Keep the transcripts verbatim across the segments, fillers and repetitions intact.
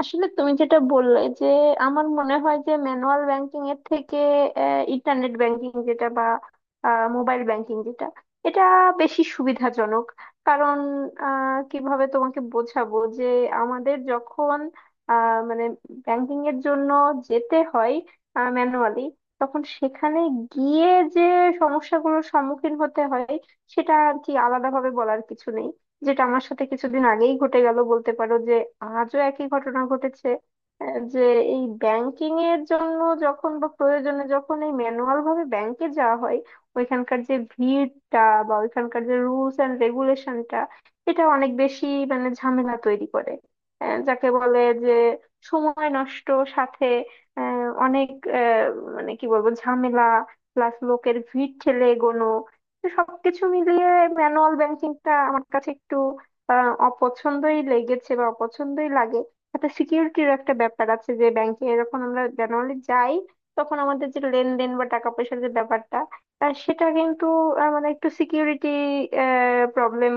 আসলে তুমি যেটা বললে যে আমার মনে হয় যে ম্যানুয়াল ব্যাংকিং এর থেকে ইন্টারনেট ব্যাংকিং যেটা বা মোবাইল ব্যাংকিং যেটা এটা বেশি সুবিধাজনক। কারণ আহ, কিভাবে তোমাকে বোঝাবো যে আমাদের যখন আহ, মানে ব্যাংকিং এর জন্য যেতে হয় ম্যানুয়ালি, তখন সেখানে গিয়ে যে সমস্যাগুলোর সম্মুখীন হতে হয় সেটা আর কি আলাদাভাবে বলার কিছু নেই। যেটা আমার সাথে কিছুদিন আগেই ঘটে গেল বলতে পারো, যে আজও একই ঘটনা ঘটেছে। আহ, যে এই ব্যাংকিং এর জন্য যখন বা প্রয়োজনে যখন এই ম্যানুয়াল ভাবে ব্যাংকে যাওয়া হয়, ওইখানকার যে ভিড়টা বা ওইখানকার যে রুলস এন্ড রেগুলেশনটা, এটা অনেক বেশি মানে ঝামেলা তৈরি করে। আহ, যাকে বলে যে সময় নষ্ট, সাথে আহ, অনেক আহ, মানে কি বলবো ঝামেলা প্লাস লোকের ভিড় ঠেলে এগোনো। তো সবকিছু মিলিয়ে ম্যানুয়াল ব্যাংকিংটা আমার কাছে একটু আহ, অপছন্দই লেগেছে বা অপছন্দই লাগে। একটা সিকিউরিটির একটা ব্যাপার আছে যে ব্যাংকে যখন আমরা ম্যানুয়ালি যাই, তখন আমাদের যে লেনদেন বা টাকা পয়সার যে ব্যাপারটা, আহ, সেটা কিন্তু আহ, মানে একটু সিকিউরিটি প্রবলেম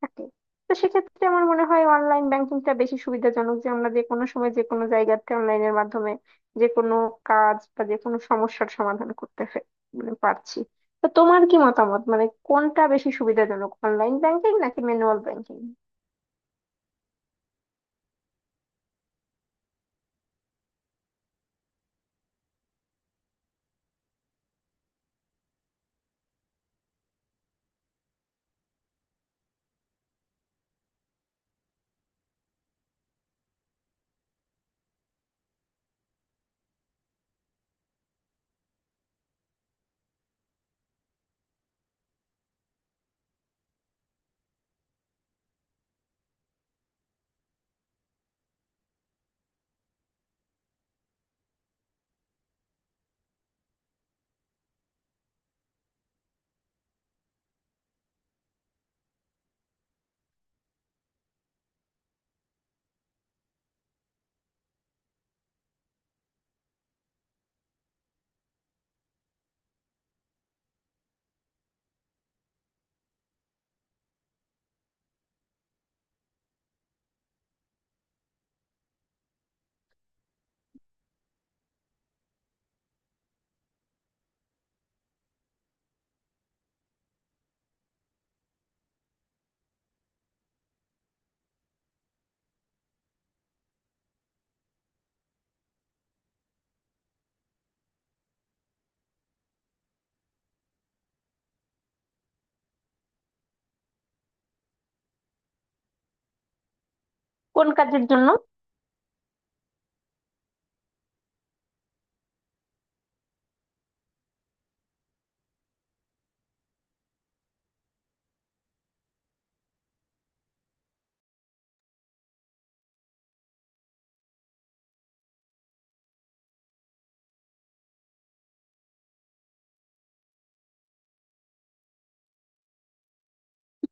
থাকে। তো সেক্ষেত্রে আমার মনে হয় অনলাইন ব্যাংকিংটা বেশি সুবিধাজনক, যে আমরা যে কোনো সময় যে কোনো জায়গাতে অনলাইনের মাধ্যমে যে কোনো কাজ বা যে কোনো সমস্যার সমাধান করতে ফে- মানে পারছি। তো তোমার কি মতামত, মানে কোনটা বেশি সুবিধাজনক, অনলাইন ব্যাংকিং নাকি ম্যানুয়াল ব্যাংকিং? কোন কাজের জন্য?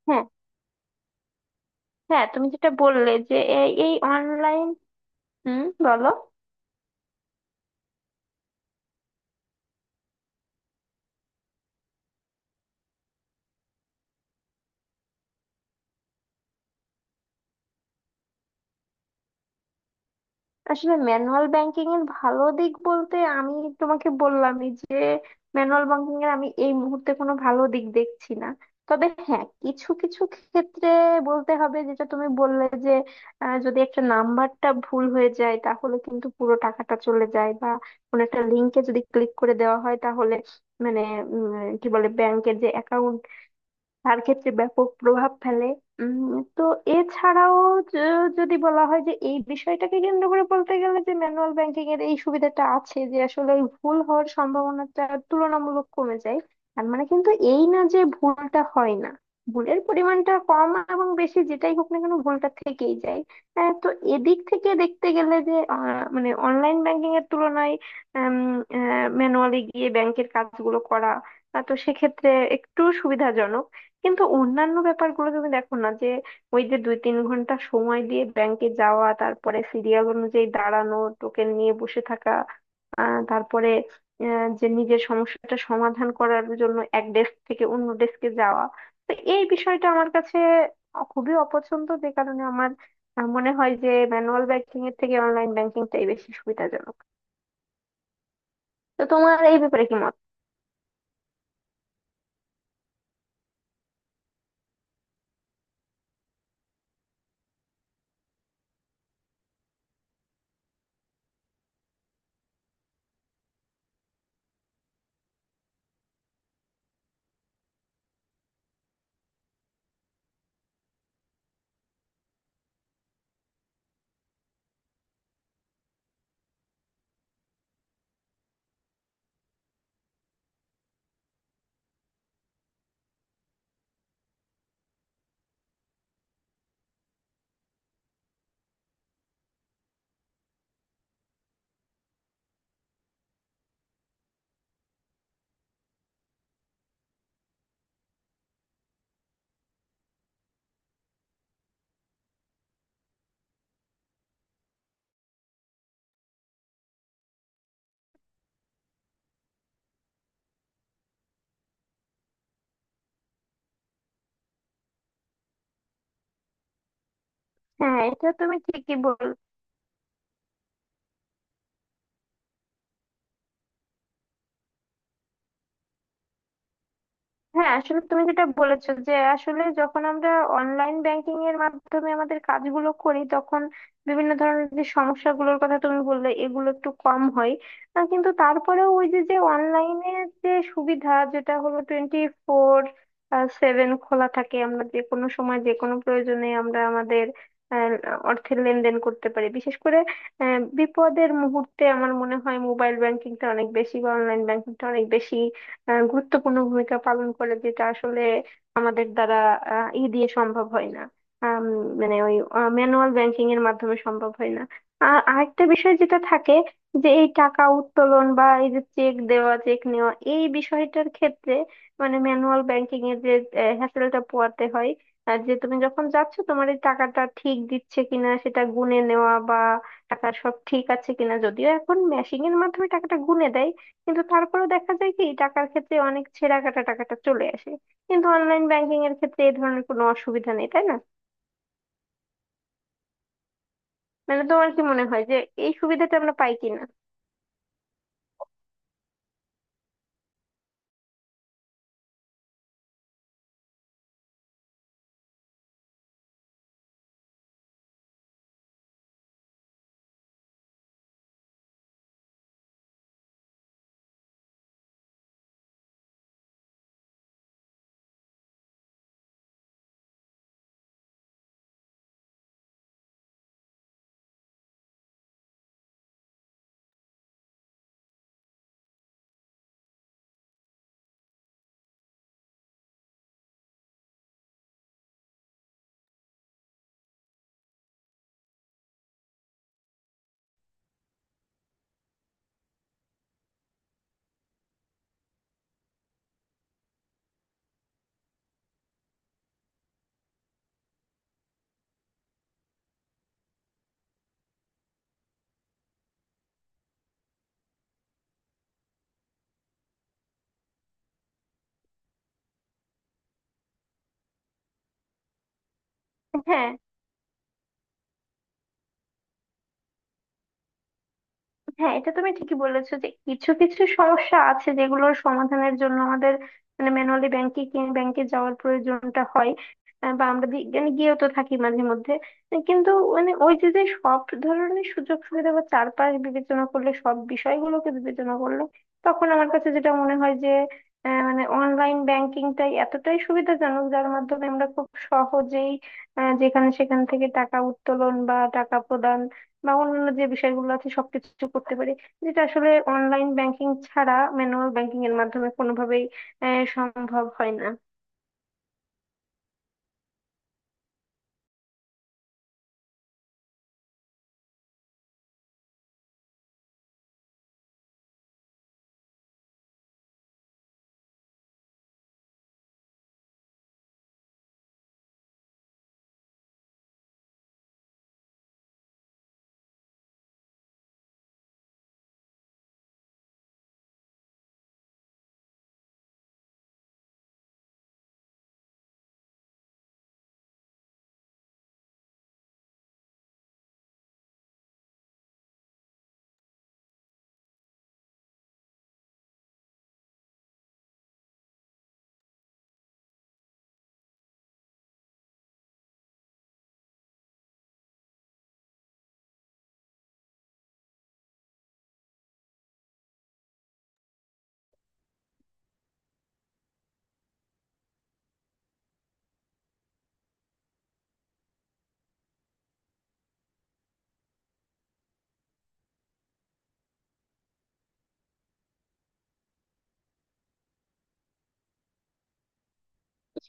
হ্যাঁ। হ্যাঁ, তুমি যেটা বললে যে এ- এই অনলাইন। হুম, বলো। আসলে ম্যানুয়াল ব্যাংকিং এর ভালো দিক বলতে আমি তোমাকে বললামই যে ম্যানুয়াল ব্যাংকিং এর আমি এই মুহূর্তে কোনো ভালো দিক দেখছি না। তবে হ্যাঁ কিছু কিছু ক্ষেত্রে বলতে হবে, যেটা তুমি বললে যে আহ, যদি একটা নাম্বারটা ভুল হয়ে যায় তাহলে কিন্তু পুরো টাকাটা চলে যায়, বা কোনো একটা লিংকে যদি ক্লিক করে দেওয়া হয় তাহলে মানে উম, কি বলে ব্যাংকের যে অ্যাকাউন্ট, তার ক্ষেত্রে ব্যাপক প্রভাব ফেলে। উম তো এছাড়াও য- যদি বলা হয় যে এই বিষয়টাকে কেন্দ্র করে বলতে গেলে যে ম্যানুয়াল ব্যাংকিং এর এই সুবিধাটা আছে যে আসলে ওই ভুল হওয়ার সম্ভাবনাটা তুলনামূলক কমে যায়। তার মানে কিন্তু এই না যে ভুলটা হয় না, ভুলের পরিমাণটা কম এবং বেশি যেটাই হোক না কেন ভুলটা থেকেই যায়। আহ, তো এদিক থেকে দেখতে গেলে যে আহ, মানে অনলাইন ব্যাংকিং এর তুলনায় ম্যানুয়ালি গিয়ে ব্যাংকের কাজগুলো করা, আহ, তো সেক্ষেত্রে একটু সুবিধাজনক। কিন্তু অন্যান্য ব্যাপারগুলো তুমি দেখো না, যে ওই যে দুই তিন ঘন্টা সময় দিয়ে ব্যাংকে যাওয়া, তারপরে সিরিয়াল অনুযায়ী দাঁড়ানো, টোকেন নিয়ে বসে থাকা, আহ, তারপরে আহ, যে নিজের সমস্যাটা সমাধান করার জন্য এক ডেস্ক থেকে অন্য ডেস্কে যাওয়া। তো এই বিষয়টা আমার কাছে খুবই অপছন্দ, যে কারণে আমার আহ, মনে হয় যে ম্যানুয়াল ব্যাংকিং এর থেকে অনলাইন ব্যাংকিংটাই বেশি সুবিধাজনক। তো তোমার এই ব্যাপারে কি মত? হ্যাঁ, এটা তুমি ঠিকই বল। হ্যাঁ, আসলে তুমি যেটা বলেছো যে আসলে যখন আমরা অনলাইন ব্যাংকিং এর মাধ্যমে আমাদের কাজগুলো করি তখন বিভিন্ন ধরনের যে সমস্যাগুলোর কথা তুমি বললে এগুলো একটু কম হয়। আহ, কিন্তু তারপরেও ওই যে যে অনলাইনে যে সুবিধা, যেটা হলো টোয়েন্টি ফোর সেভেন খোলা থাকে, আমরা যে কোনো সময় যে কোনো প্রয়োজনে আমরা আমাদের আহ, অর্থের লেনদেন করতে পারি। বিশেষ করে আহ, বিপদের মুহূর্তে আমার মনে হয় মোবাইল ব্যাংকিংটা অনেক বেশি বা অনলাইন ব্যাংকিংটা অনেক বেশি আহ, গুরুত্বপূর্ণ ভূমিকা পালন করে, যেটা আসলে আমাদের দ্বারা আহ, ই দিয়ে সম্ভব হয় না। আম, মানে ওই ম্যানুয়াল ব্যাংকিং এর মাধ্যমে সম্ভব হয় না। আর আরেকটা বিষয় যেটা থাকে, যে এই টাকা উত্তোলন বা এই যে চেক দেওয়া চেক নেওয়া এই বিষয়টার ক্ষেত্রে মানে ম্যানুয়াল ব্যাংকিং এর যে হ্যাসেলটা পোয়াতে হয়। আর যে তুমি যখন যাচ্ছ, তোমার এই টাকাটা ঠিক দিচ্ছে কিনা সেটা গুনে নেওয়া বা টাকা সব ঠিক আছে কিনা, যদিও এখন মেশিনের মাধ্যমে টাকাটা গুনে দেয় কিন্তু তারপরেও দেখা যায় কি টাকার ক্ষেত্রে অনেক ছেঁড়া কাটা টাকাটা চলে আসে। কিন্তু অনলাইন ব্যাংকিং এর ক্ষেত্রে এই ধরনের কোনো অসুবিধা নেই, তাই না? মানে তোমার কি মনে হয় যে এই সুবিধাটা আমরা পাই কিনা? হ্যাঁ। হ্যাঁ, এটা তুমি ঠিকই বলেছো যে কিছু কিছু সমস্যা আছে যেগুলোর সমাধানের জন্য আমাদের মানে ম্যানুয়ালি ব্যাংকে ব্যাংকে যাওয়ার প্রয়োজনটা হয়। আহ, বা আমরা দি- মানে গিয়েও তো থাকি মাঝে মধ্যে। কিন্তু মানে ওই যে যে সব ধরনের সুযোগ সুবিধা বা চারপাশ বিবেচনা করলে সব বিষয়গুলোকে বিবেচনা করলে, তখন আমার কাছে যেটা মনে হয় যে আহ, মানে অনলাইন ব্যাংকিংটাই এতটাই সুবিধাজনক, যার মাধ্যমে আমরা খুব সহজেই আহ, যেখানে সেখান থেকে টাকা উত্তোলন বা টাকা প্রদান বা অন্যান্য যে বিষয়গুলো আছে সবকিছু করতে পারি, যেটা আসলে অনলাইন ব্যাংকিং ছাড়া ম্যানুয়াল ব্যাংকিং এর মাধ্যমে কোনোভাবেই আহ, সম্ভব হয় না।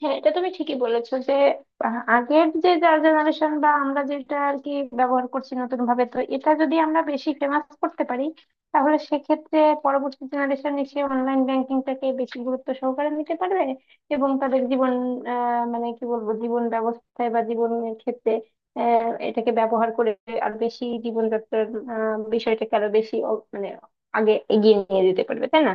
হ্যাঁ, এটা তুমি ঠিকই বলেছো যে আহ, আগের যে যার জেনারেশন বা আমরা যেটা আর কি ব্যবহার করছি নতুন ভাবে, তো এটা যদি আমরা বেশি ফেমাস করতে পারি তাহলে সেক্ষেত্রে পরবর্তী জেনারেশন এসে অনলাইন ব্যাংকিংটাকে বেশি গুরুত্ব সহকারে নিতে পারবে এবং তাদের জীবন, আহ, মানে কি বলবো জীবন ব্যবস্থায় বা জীবনের ক্ষেত্রে আহ, এটাকে ব্যবহার করে আরো বেশি জীবনযাত্রার আহ, বিষয়টাকে আরো বেশি অ- মানে আগে এগিয়ে নিয়ে যেতে পারবে, তাই না?